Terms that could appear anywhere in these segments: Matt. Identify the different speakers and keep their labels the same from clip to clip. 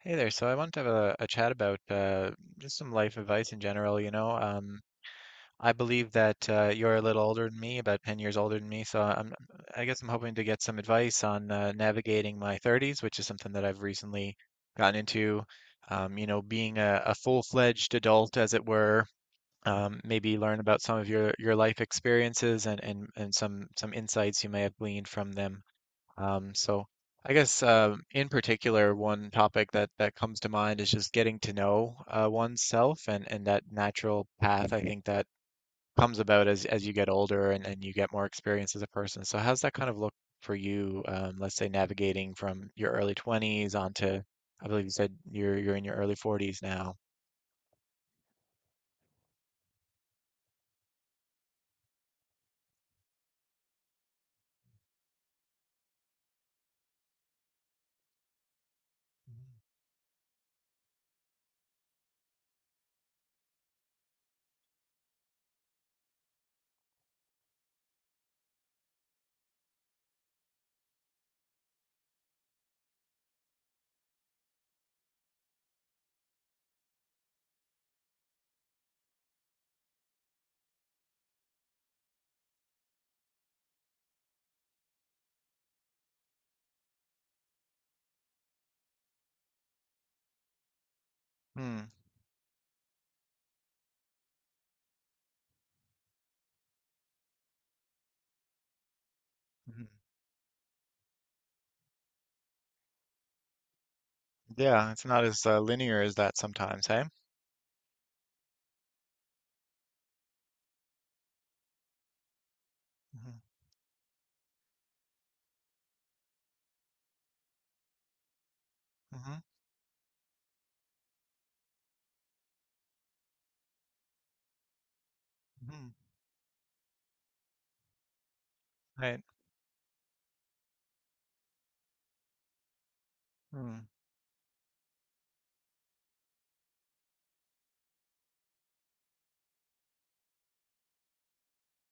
Speaker 1: Hey there. So I want to have a chat about just some life advice in general. I believe that you're a little older than me, about 10 years older than me. I guess I'm hoping to get some advice on navigating my 30s, which is something that I've recently gotten into. Being a full-fledged adult, as it were. Maybe learn about some of your life experiences and some insights you may have gleaned from them. So I guess in particular, one topic that comes to mind is just getting to know oneself and that natural path. I think that comes about as you get older and you get more experience as a person. So how's that kind of look for you? Let's say navigating from your early 20s onto, I believe you said you're in your early 40s now. Hmm. mhm. Yeah, it's not as linear as that sometimes, hey? Hmm hmm hmm Right.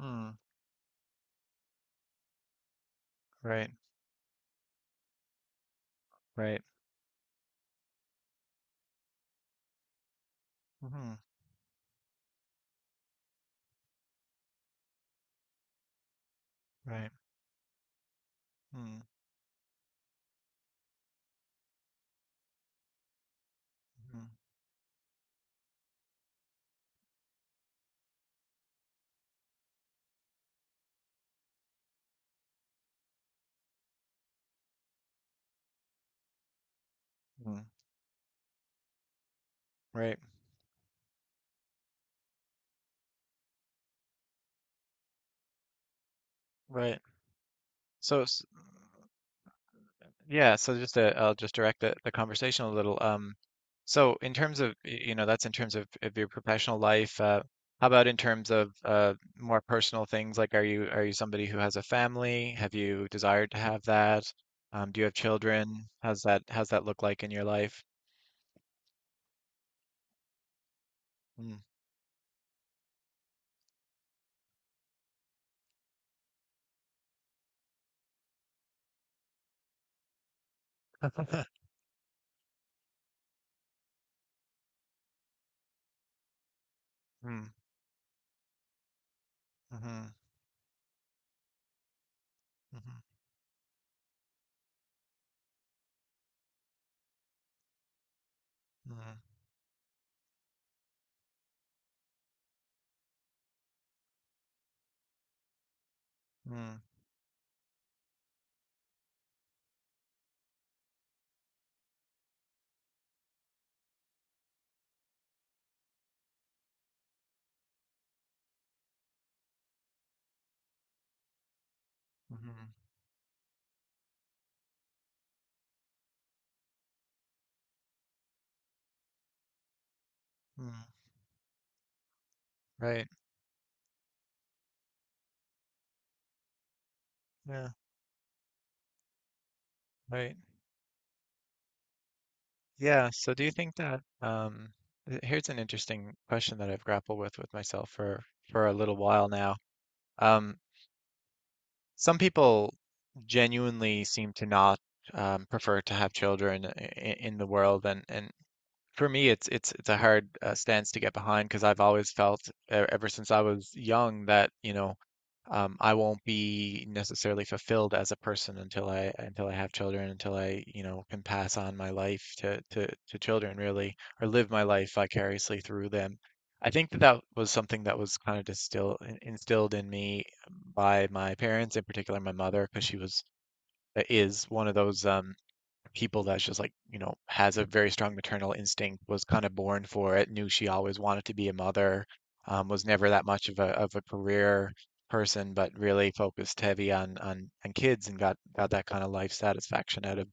Speaker 1: Mm-hmm. Right. Right. hmm Right. Mm, mhm, mm, Right, right. So, s- yeah, so just to, I'll just direct the conversation a little. So in terms of, you know, that's in terms of your professional life. How about in terms of more personal things? Like, are you somebody who has a family? Have you desired to have that? Do you have children? How's that look like in your life? Mm. Mm, mhm, mhm, mhm, mm, mhm, mm. Right. Yeah, right. Yeah, so do you think that here's an interesting question that I've grappled with myself for a little while now. Um some people genuinely seem to not prefer to have children in the world and for me, it's a hard stance to get behind because I've always felt ever since I was young that, you know, I won't be necessarily fulfilled as a person until I have children, until I, you know, can pass on my life to children really, or live my life vicariously through them. I think that that was something that was kind of distilled instilled in me by my parents, in particular my mother, because she was is one of those people that's just like, you know, has a very strong maternal instinct, was kind of born for it, knew she always wanted to be a mother, was never that much of a career person but really focused heavy on kids and got that kind of life satisfaction out of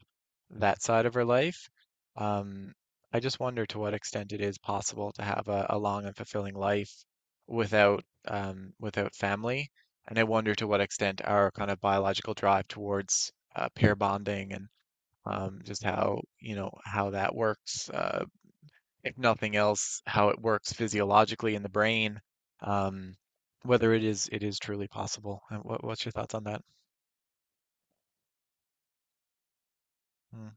Speaker 1: that side of her life. um, I just wonder to what extent it is possible to have a long and fulfilling life without without family. And I wonder to what extent our kind of biological drive towards pair bonding and just how, you know, how that works. If nothing else, how it works physiologically in the brain, um, whether it is truly possible. What what's your thoughts on that? Mm,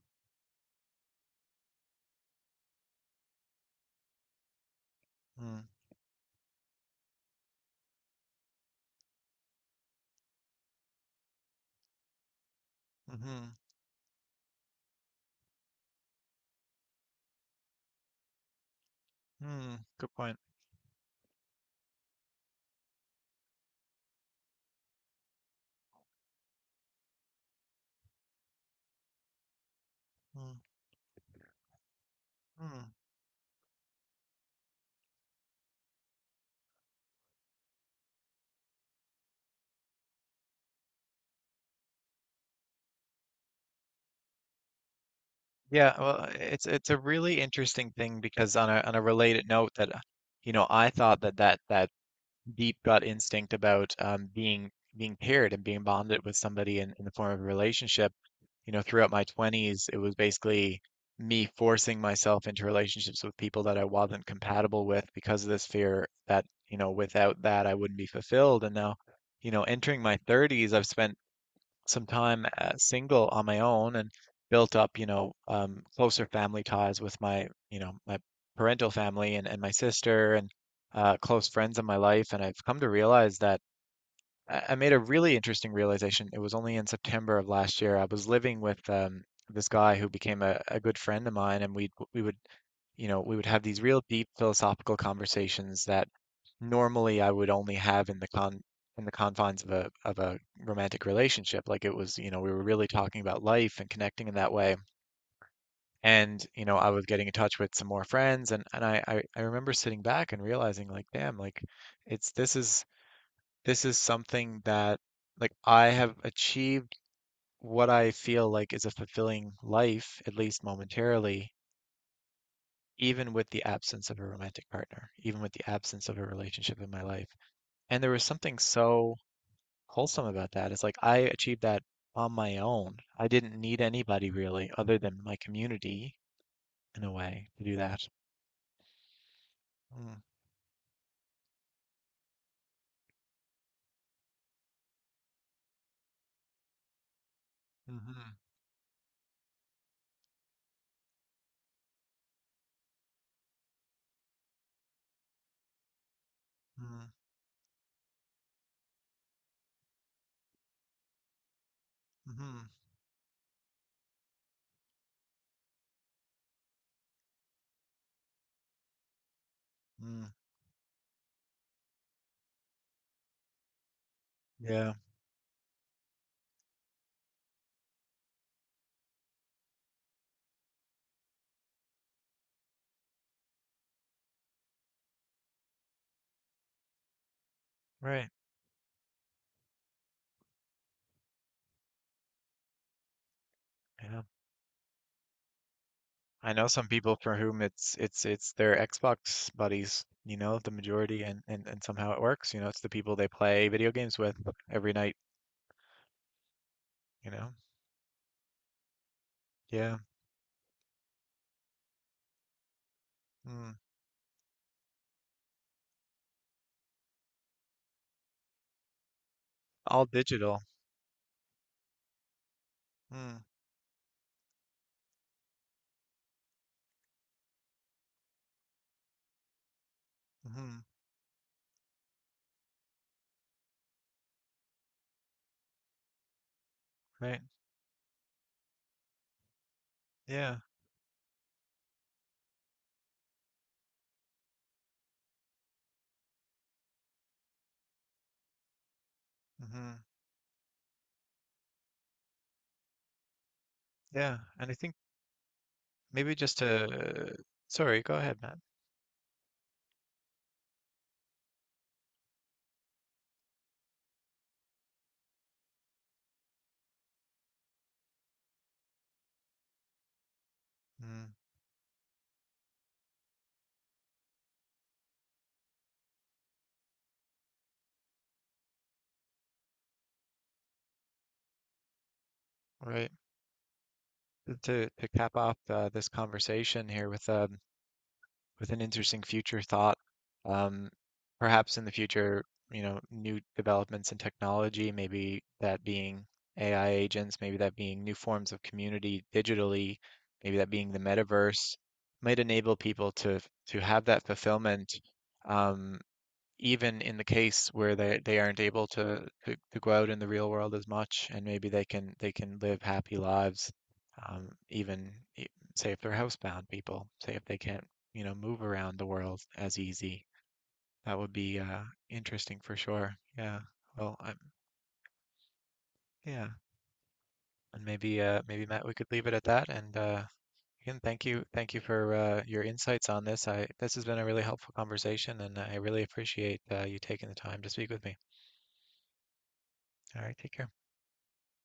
Speaker 1: mm, mm-hmm, mm, good point. Mm, mm. Yeah, well, it's a really interesting thing because on a related note that you know, I thought that that deep gut instinct about being being paired and being bonded with somebody in the form of a relationship. You know, throughout my 20s, it was basically me forcing myself into relationships with people that I wasn't compatible with because of this fear that, you know, without that I wouldn't be fulfilled. And now, you know, entering my 30s, I've spent some time single on my own and built up, you know, closer family ties with my, you know, my parental family and my sister and close friends in my life. And I've come to realize that I made a really interesting realization. It was only in September of last year. I was living with this guy who became a good friend of mine, and we would, you know, we would have these real deep philosophical conversations that normally I would only have in the con in the confines of a romantic relationship. Like it was, you know, we were really talking about life and connecting in that way. And, you know, I was getting in touch with some more friends, and I remember sitting back and realizing, like, damn, like it's this is something that like I have achieved what I feel like is a fulfilling life, at least momentarily, even with the absence of a romantic partner, even with the absence of a relationship in my life. And there was something so wholesome about that. It's like I achieved that on my own. I didn't need anybody really, other than my community in a way, to do that. Mm, mm-hmm, mm, mm-hmm, mm. Yeah, right. Yeah. I know some people for whom it's their Xbox buddies, you know, the majority and somehow it works, you know, it's the people they play video games with every night, you know. Yeah. Mm. All digital. Mm, mm-hmm, right. Yeah. Mm-hmm. Yeah. And I think maybe just to, sorry, go ahead, Matt. Mm, right. To cap off this conversation here with an interesting future thought. Um, Perhaps in the future, you know, new developments in technology, maybe that being AI agents, maybe that being new forms of community digitally, maybe that being the metaverse, might enable people to have that fulfillment. Um, Even in the case where they aren't able to go out in the real world as much, and maybe they can live happy lives, um, even e- say if they're housebound people, say if they can't, you know, move around the world as easy. That would be interesting for sure. Yeah. Well, I'm Yeah, and maybe maybe Matt, we could leave it at that. And again, thank you for your insights on this. I This has been a really helpful conversation, and I really appreciate you taking the time to speak with me. All right, take care.